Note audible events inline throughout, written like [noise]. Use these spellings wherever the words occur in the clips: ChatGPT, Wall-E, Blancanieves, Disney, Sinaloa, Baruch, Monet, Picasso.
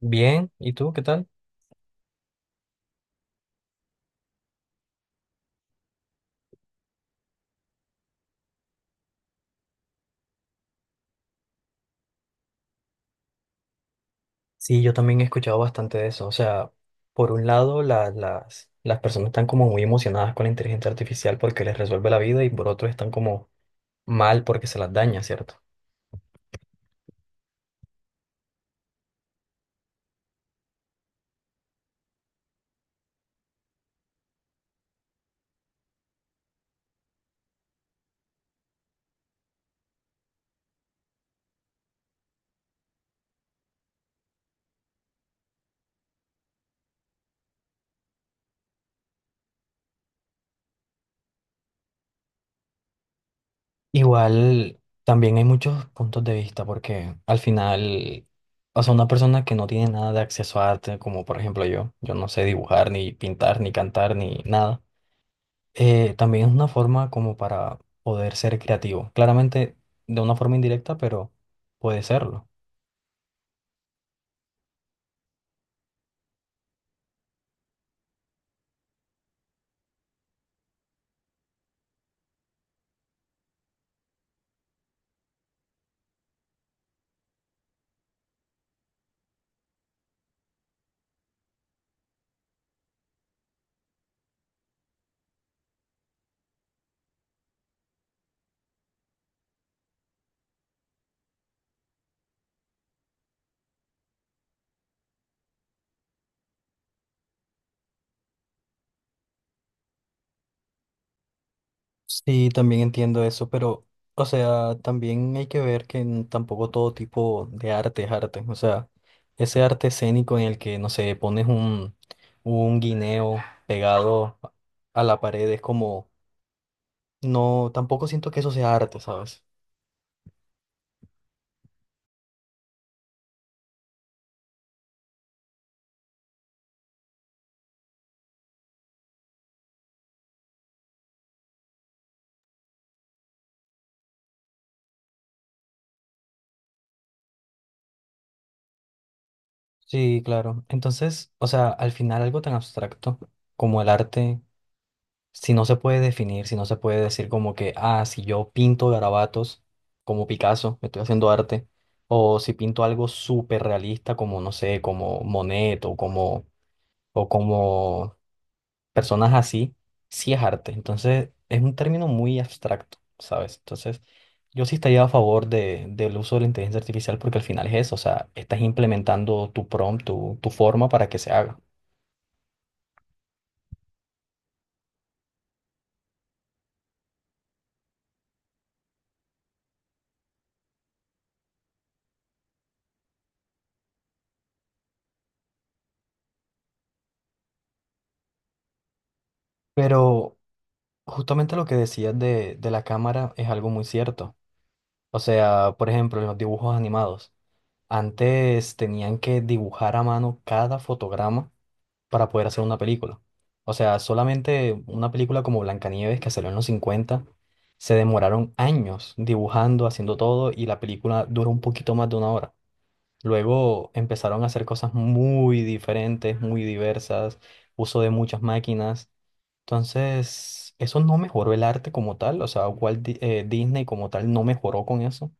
Bien, ¿y tú qué tal? Sí, yo también he escuchado bastante de eso. O sea, por un lado, las personas están como muy emocionadas con la inteligencia artificial porque les resuelve la vida y por otro están como mal porque se las daña, ¿cierto? Igual, también hay muchos puntos de vista porque al final, o sea, una persona que no tiene nada de acceso a arte, como por ejemplo yo, yo no sé dibujar, ni pintar, ni cantar, ni nada. También es una forma como para poder ser creativo. Claramente de una forma indirecta, pero puede serlo. Sí, también entiendo eso, pero, o sea, también hay que ver que tampoco todo tipo de arte es arte. O sea, ese arte escénico en el que, no sé, pones un guineo pegado a la pared es como, no, tampoco siento que eso sea arte, ¿sabes? Sí, claro. Entonces, o sea, al final algo tan abstracto como el arte, si no se puede definir, si no se puede decir como que, ah, si yo pinto garabatos como Picasso, me estoy haciendo arte, o si pinto algo súper realista como, no sé, como Monet o como personas así, sí es arte. Entonces, es un término muy abstracto, ¿sabes? Entonces, yo sí estaría a favor del uso de la inteligencia artificial porque al final es eso, o sea, estás implementando tu prompt, tu forma para que se haga. Pero justamente lo que decías de la cámara es algo muy cierto. O sea, por ejemplo, los dibujos animados. Antes tenían que dibujar a mano cada fotograma para poder hacer una película. O sea, solamente una película como Blancanieves, que salió en los 50, se demoraron años dibujando, haciendo todo, y la película duró un poquito más de una hora. Luego empezaron a hacer cosas muy diferentes, muy diversas, uso de muchas máquinas. Entonces, eso no mejoró el arte como tal, o sea, Walt Disney como tal no mejoró con eso.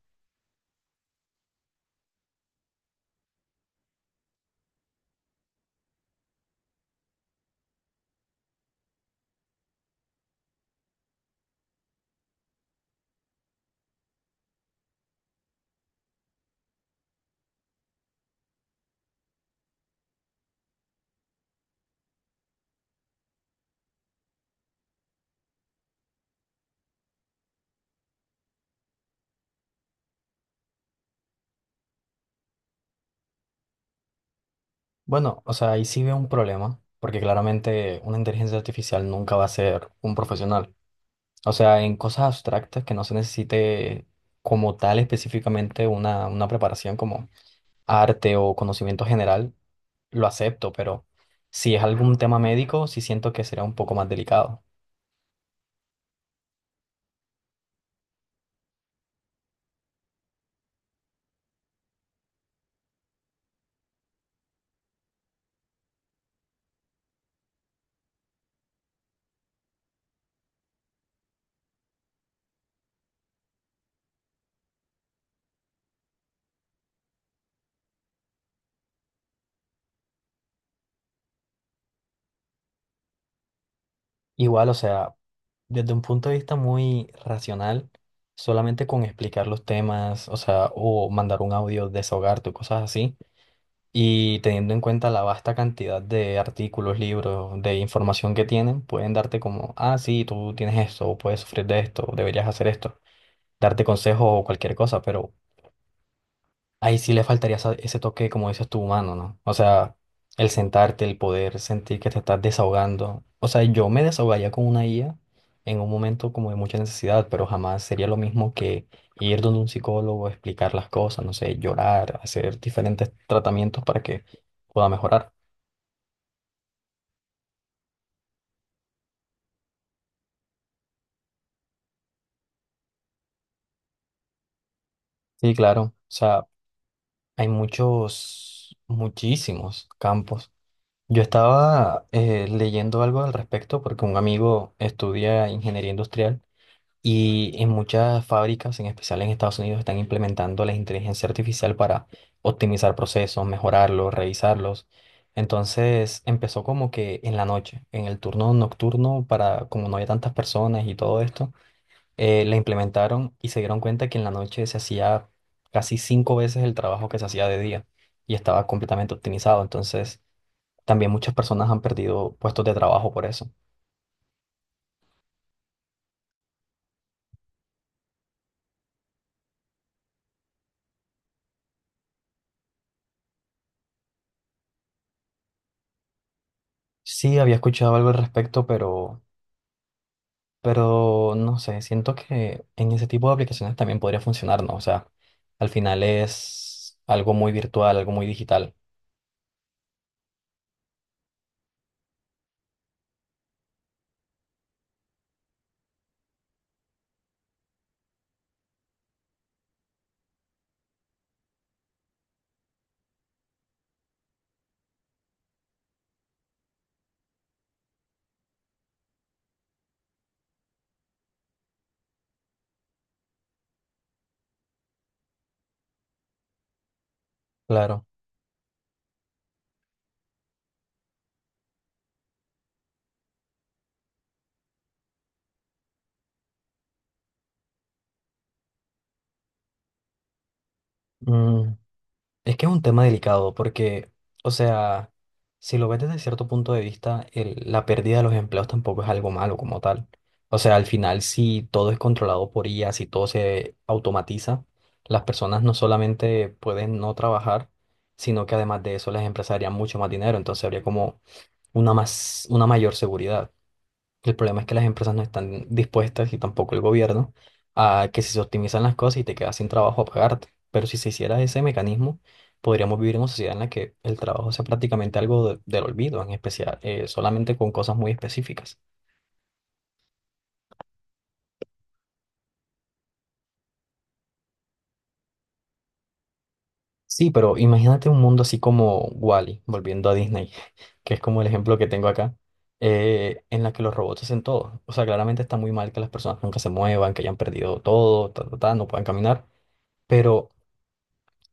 Bueno, o sea, ahí sí veo un problema, porque claramente una inteligencia artificial nunca va a ser un profesional. O sea, en cosas abstractas que no se necesite como tal específicamente una preparación como arte o conocimiento general, lo acepto, pero si es algún tema médico, sí siento que será un poco más delicado. Igual, o sea, desde un punto de vista muy racional, solamente con explicar los temas, o sea, o mandar un audio, desahogarte o cosas así. Y teniendo en cuenta la vasta cantidad de artículos, libros, de información que tienen, pueden darte como, ah, sí, tú tienes esto, o puedes sufrir de esto, o deberías hacer esto, darte consejo o cualquier cosa, pero ahí sí le faltaría ese toque, como dices tú, humano, ¿no? O sea, el sentarte, el poder sentir que te estás desahogando. O sea, yo me desahogaría con una IA en un momento como de mucha necesidad, pero jamás sería lo mismo que ir donde un psicólogo, explicar las cosas, no sé, llorar, hacer diferentes tratamientos para que pueda mejorar. Sí, claro. O sea, hay muchos, muchísimos campos. Yo estaba leyendo algo al respecto porque un amigo estudia ingeniería industrial y en muchas fábricas, en especial en Estados Unidos, están implementando la inteligencia artificial para optimizar procesos, mejorarlos, revisarlos. Entonces empezó como que en la noche, en el turno nocturno, para como no había tantas personas y todo esto. La implementaron y se dieron cuenta que en la noche se hacía casi cinco veces el trabajo que se hacía de día y estaba completamente optimizado. Entonces, también muchas personas han perdido puestos de trabajo por eso. Sí, había escuchado algo al respecto, pero, no sé, siento que en ese tipo de aplicaciones también podría funcionar, ¿no? O sea, al final es algo muy virtual, algo muy digital. Claro. Mm, Es que es un tema delicado porque, o sea, si lo ves desde cierto punto de vista, la pérdida de los empleos tampoco es algo malo como tal. O sea, al final, si todo es controlado por IA, si todo se automatiza, las personas no solamente pueden no trabajar, sino que además de eso las empresas harían mucho más dinero. Entonces habría como una mayor seguridad. El problema es que las empresas no están dispuestas y tampoco el gobierno a que si se optimizan las cosas y te quedas sin trabajo a pagarte. Pero si se hiciera ese mecanismo, podríamos vivir en una sociedad en la que el trabajo sea prácticamente algo del olvido, en especial, solamente con cosas muy específicas. Sí, pero imagínate un mundo así como Wall-E, volviendo a Disney, [laughs] que es como el ejemplo que tengo acá, en la que los robots hacen todo. O sea, claramente está muy mal que las personas nunca se muevan, que hayan perdido todo, ta, ta, ta, no puedan caminar, pero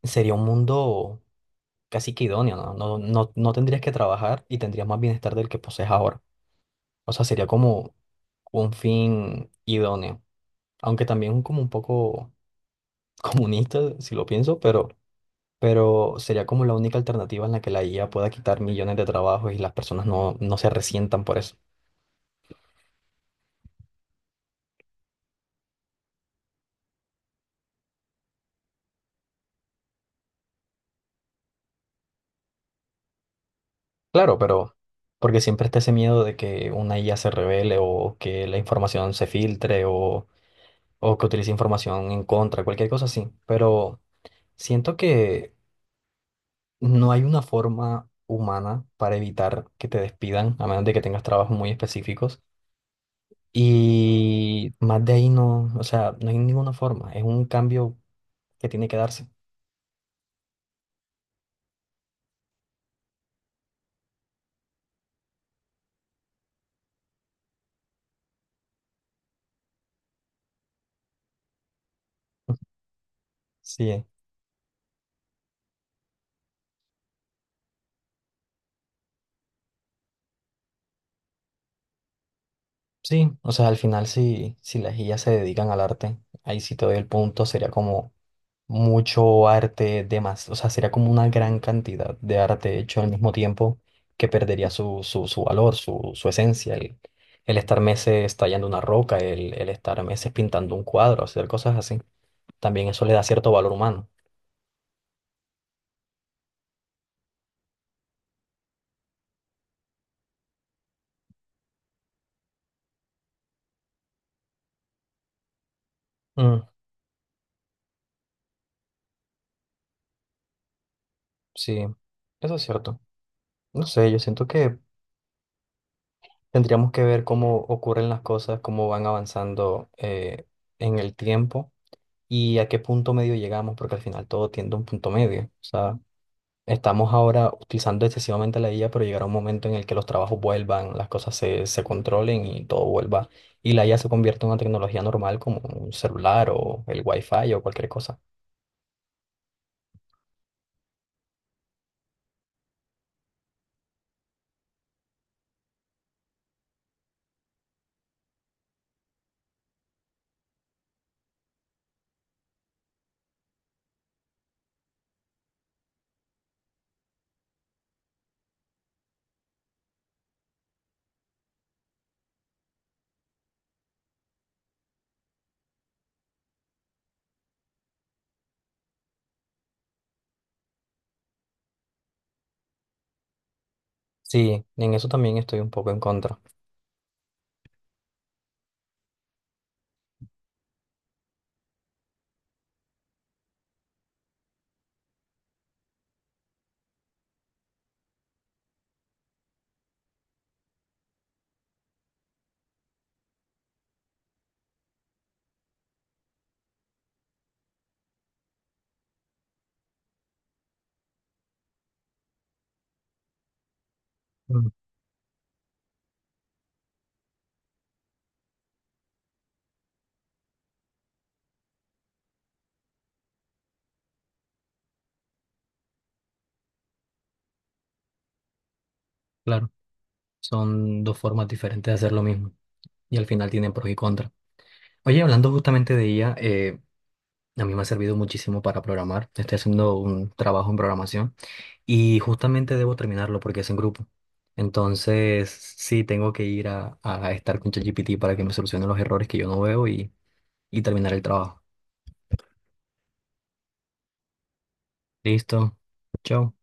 sería un mundo casi que idóneo, ¿no? No, no, no tendrías que trabajar y tendrías más bienestar del que posees ahora. O sea, sería como un fin idóneo, aunque también como un poco [laughs] comunista, si lo pienso, pero, sería como la única alternativa en la que la IA pueda quitar millones de trabajos y las personas no se resientan por eso. Claro, pero porque siempre está ese miedo de que una IA se revele o que la información se filtre o que utilice información en contra, cualquier cosa así, pero... Siento que no hay una forma humana para evitar que te despidan, a menos de que tengas trabajos muy específicos. Y más de ahí no, o sea, no hay ninguna forma. Es un cambio que tiene que darse. Sí, sí, o sea, al final si, las guías se dedican al arte, ahí sí te doy el punto, sería como mucho arte de más, o sea, sería como una gran cantidad de arte hecho al mismo tiempo que perdería su, valor, su, esencia, el estar meses tallando una roca, el estar meses pintando un cuadro, hacer cosas así. También eso le da cierto valor humano. Mm, sí, eso es cierto. No sé, yo siento que tendríamos que ver cómo ocurren las cosas, cómo van avanzando en el tiempo y a qué punto medio llegamos, porque al final todo tiende a un punto medio. O sea, estamos ahora utilizando excesivamente la IA, pero llegará un momento en el que los trabajos vuelvan, las cosas se controlen y todo vuelva. Y la IA se convierte en una tecnología normal como un celular o el Wi-Fi o cualquier cosa. Sí, en eso también estoy un poco en contra. Mm, claro, son dos formas diferentes de hacer lo mismo y al final tienen pros y contras. Oye, hablando justamente de IA, a mí me ha servido muchísimo para programar. Estoy haciendo un trabajo en programación. Y justamente debo terminarlo porque es en grupo. Entonces, sí, tengo que ir a, estar con ChatGPT para que me solucione los errores que yo no veo y terminar el trabajo. Listo. Chao.